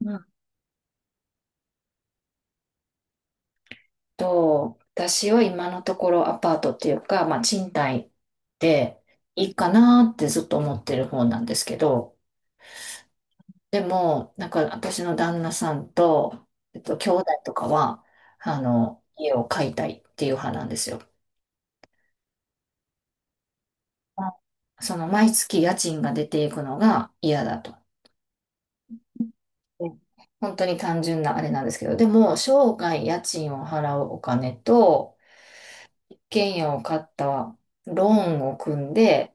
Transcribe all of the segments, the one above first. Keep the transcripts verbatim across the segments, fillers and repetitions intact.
うんと、私は今のところアパートっていうか、まあ、賃貸でいいかなってずっと思ってる方なんですけど、でも、なんか私の旦那さんと、えっと、兄弟とかは、あの、家を買いたいっていう派なんですよ。あその毎月家賃が出ていくのが嫌だと。うん。本当に単純なあれなんですけど、でも、生涯家賃を払うお金と、一軒家を買ったローンを組んで、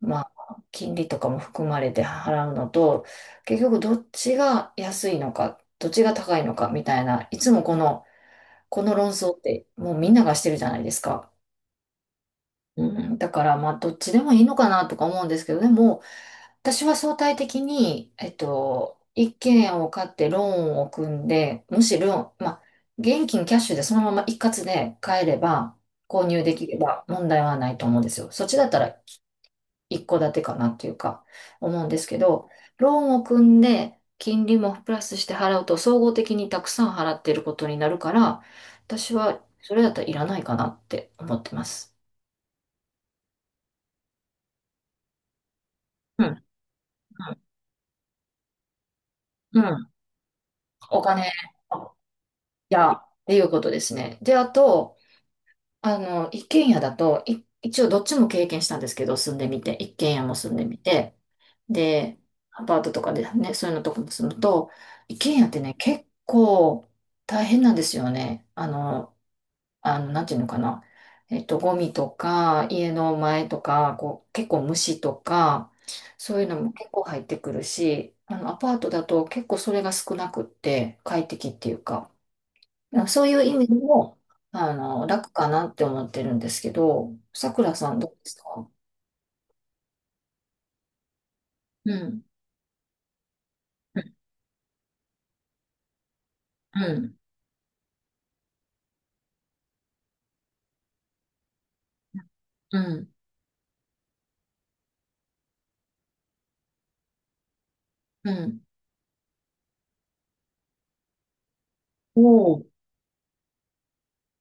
まあ、金利とかも含まれて払うのと、結局どっちが安いのか、どっちが高いのかみたいな、いつもこの、この論争ってもうみんながしてるじゃないですか。うん、だからまあどっちでもいいのかなとか思うんですけど、でも私は相対的に、えっと、一軒家を買ってローンを組んで、むしろ、まあ、現金キャッシュでそのまま一括で買えれば、購入できれば問題はないと思うんですよ。そっちだったら一戸建てかなっていうか、思うんですけど、ローンを組んで、金利もプラスして払うと、総合的にたくさん払っていることになるから、私はそれだったらいらないかなって思ってます。うん、うん。お金、いや、っていうことですね。で、あと、あの、一軒家だと、い一応どっちも経験したんですけど、住んでみて、一軒家も住んでみて、で、アパートとかでね、そういうのとかも住むと、一軒家ってね、結構大変なんですよね。あの、あの、なんていうのかな。えっと、ゴミとか、家の前とか、こう、結構虫とか、そういうのも結構入ってくるし、あの、アパートだと結構それが少なくって、快適っていうか、そういう意味でも、あの、楽かなって思ってるんですけど、さくらさんどうですか？うん。うん。うん。うん。うん。おお、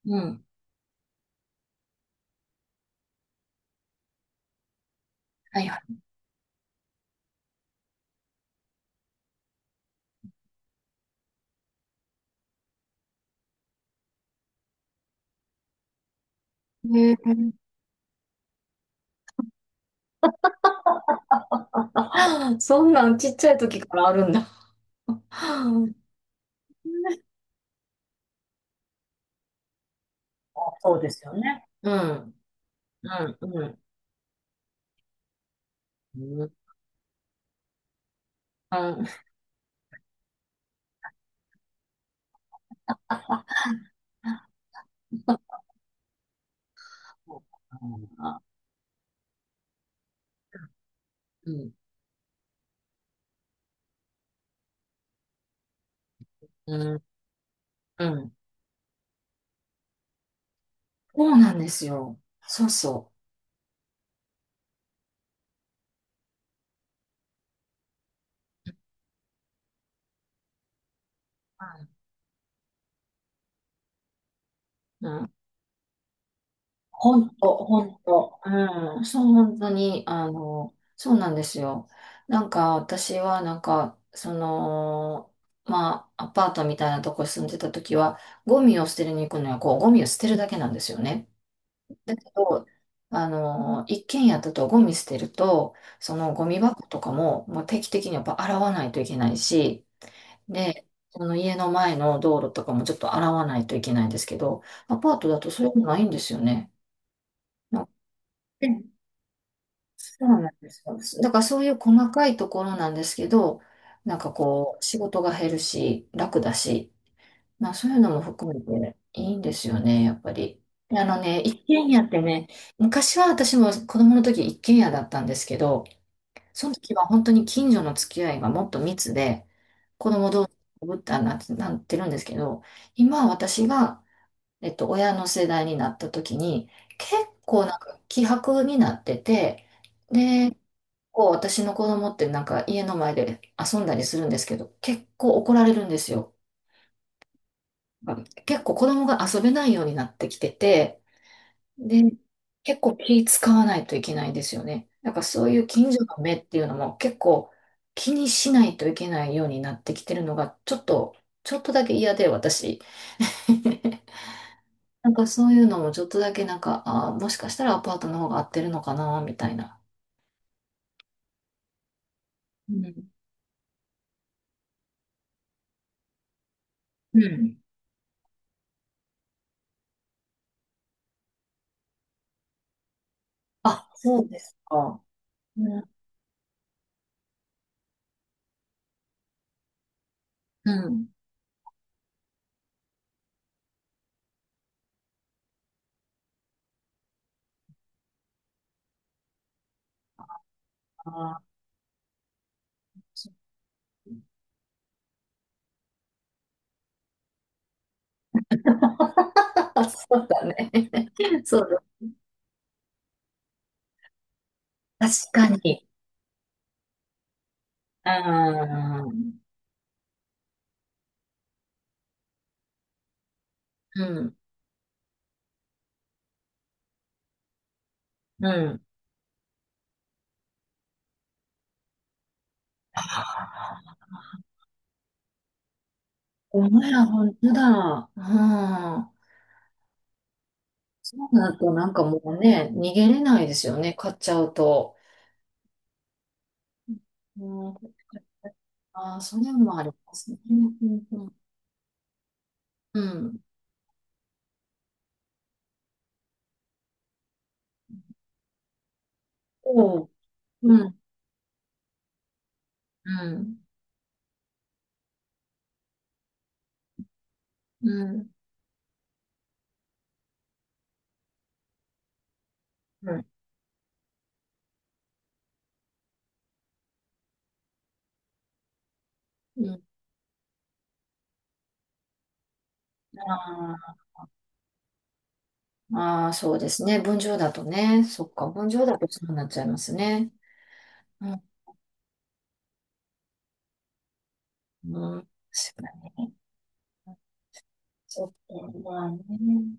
うん。はいはい。へえ。 そんなんちっちゃい時からあるんだ。そうですよね。うん。うん。うん。うん。うん。そうかな。うん。うん。うん。そうなんですよ。そうそう。うん。うん。ほんと、ほんと。うん。そう、本当に、あの、そうなんですよ。なんか、私は、なんか、その、まあ、アパートみたいなとこに住んでた時は、ゴミを捨てるに行くのは、こう、ゴミを捨てるだけなんですよね。だけど、あの、一軒家だとゴミ捨てると、そのゴミ箱とかも、もう定期的にやっぱ洗わないといけないし、で、その家の前の道路とかもちょっと洗わないといけないんですけど、アパートだとそういうのないんですよね。なんか、うん、そうなんですよ。だからそういう細かいところなんですけど、なんかこう、仕事が減るし、楽だし、まあそういうのも含めていいんですよね、やっぱり。あのね、一軒家ってね、昔は私も子供の時一軒家だったんですけど、その時は本当に近所の付き合いがもっと密で、ぶったな、なんてるんですけど、今私が、えっと、親の世代になった時に、結構なんか希薄になってて、こう私の子供ってなんか家の前で遊んだりするんですけど、結構怒られるんですよ。結構子供が遊べないようになってきてて、で、結構気使わないといけないんですよね。なんかそういう近所の目っていうのも結構気にしないといけないようになってきてるのがちょっと、ちょっとだけ嫌で私。なんかそういうのもちょっとだけなんか、あー、もしかしたらアパートの方が合ってるのかなみたいな。うん。うん。あ、そうですか。うん。うん。あー、そう。 そうだね。そうだ。確かに。あー、うん。うん。お前ら本当だ。うん。そうなるとなんかもうね、逃げれないですよね、買っちゃうと。うん、あー、それもありますね。うん。うん。うん、おう。うん。うん。うん。うん。うん、あー、あー、そうですね。分譲だとね。そっか。分譲だとそうなっちゃいますね。うん。うん。確かに。そう、まあね。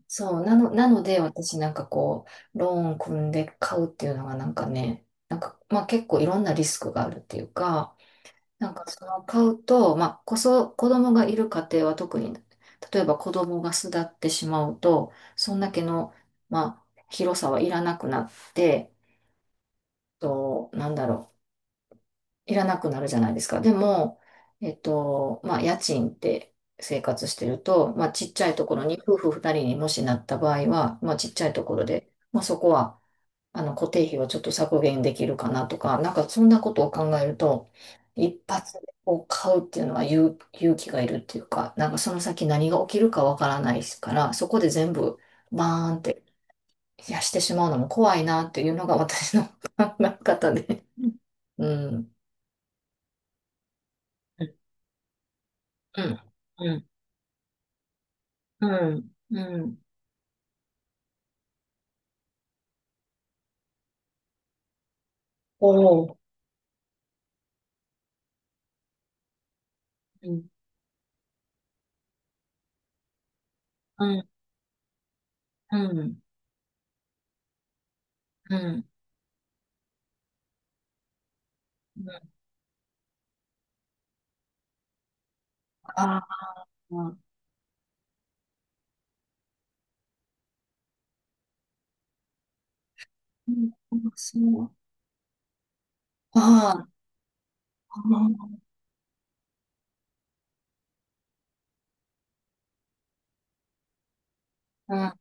そう、なの、なので私なんかこう、ローン組んで買うっていうのがなんかね、なんか、まあ結構いろんなリスクがあるっていうか、なんかその買うと、まあこそ、子供がいる家庭は特に、例えば子供が巣立ってしまうと、そんだけの、まあ広さはいらなくなって、と、なんだろう。いらなくなるじゃないですか。でも、えっと、まあ、家賃って生活してると、まあ、ちっちゃいところに、夫婦二人にもしなった場合は、まあ、ちっちゃいところで、まあ、そこは、あの、固定費をちょっと削減できるかなとか、なんかそんなことを考えると、一発でこう買うっていうのは勇、勇気がいるっていうか、なんかその先何が起きるかわからないから、そこで全部バーンっていやしてしまうのも怖いなっていうのが私の 考え方で。うん。うん。うん。うん、うん。おお、うん、うん、うん、うん。うん、ああ、うん、そう。ああ、うん。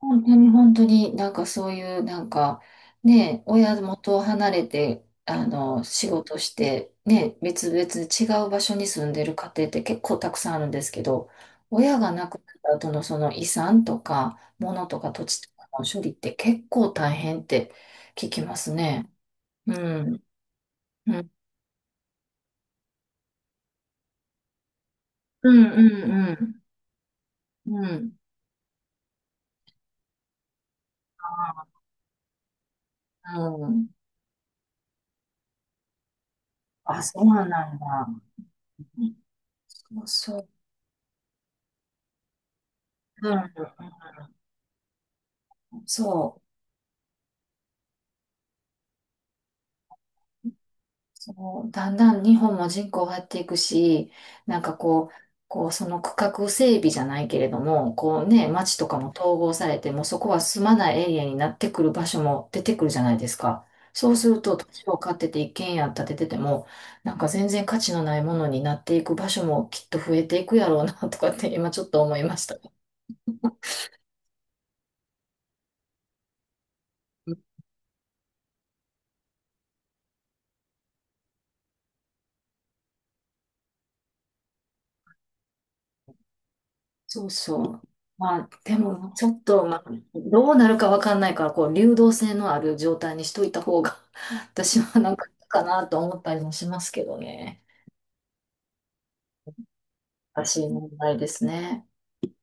本当に本当になんかそういう、なんか、ね、親元を離れて、あの、仕事して、ね、別々違う場所に住んでる家庭って結構たくさんあるんですけど、親が亡くなった後のその遺産とか、物とか土地とかの処理って結構大変って聞きますね。うん。うん。うん。うん。うん。うん。うん。あ、そうなんだ。そうそう。うん。うん。そう。そう。だんだん日本も人口減っていくし、なんかこう、こうその区画整備じゃないけれども、こうね、町とかも統合されて、もうそこは住まないエリアになってくる場所も出てくるじゃないですか。そうすると、土地を買ってて一軒家建ててても、なんか全然価値のないものになっていく場所もきっと増えていくやろうなとかって今ちょっと思いました。そうそう。まあ、でも、ちょっと、まあ、どうなるかわかんないから、こう、流動性のある状態にしといた方が、私はなんかいいかなと思ったりもしますけどね。難しい問題ですね。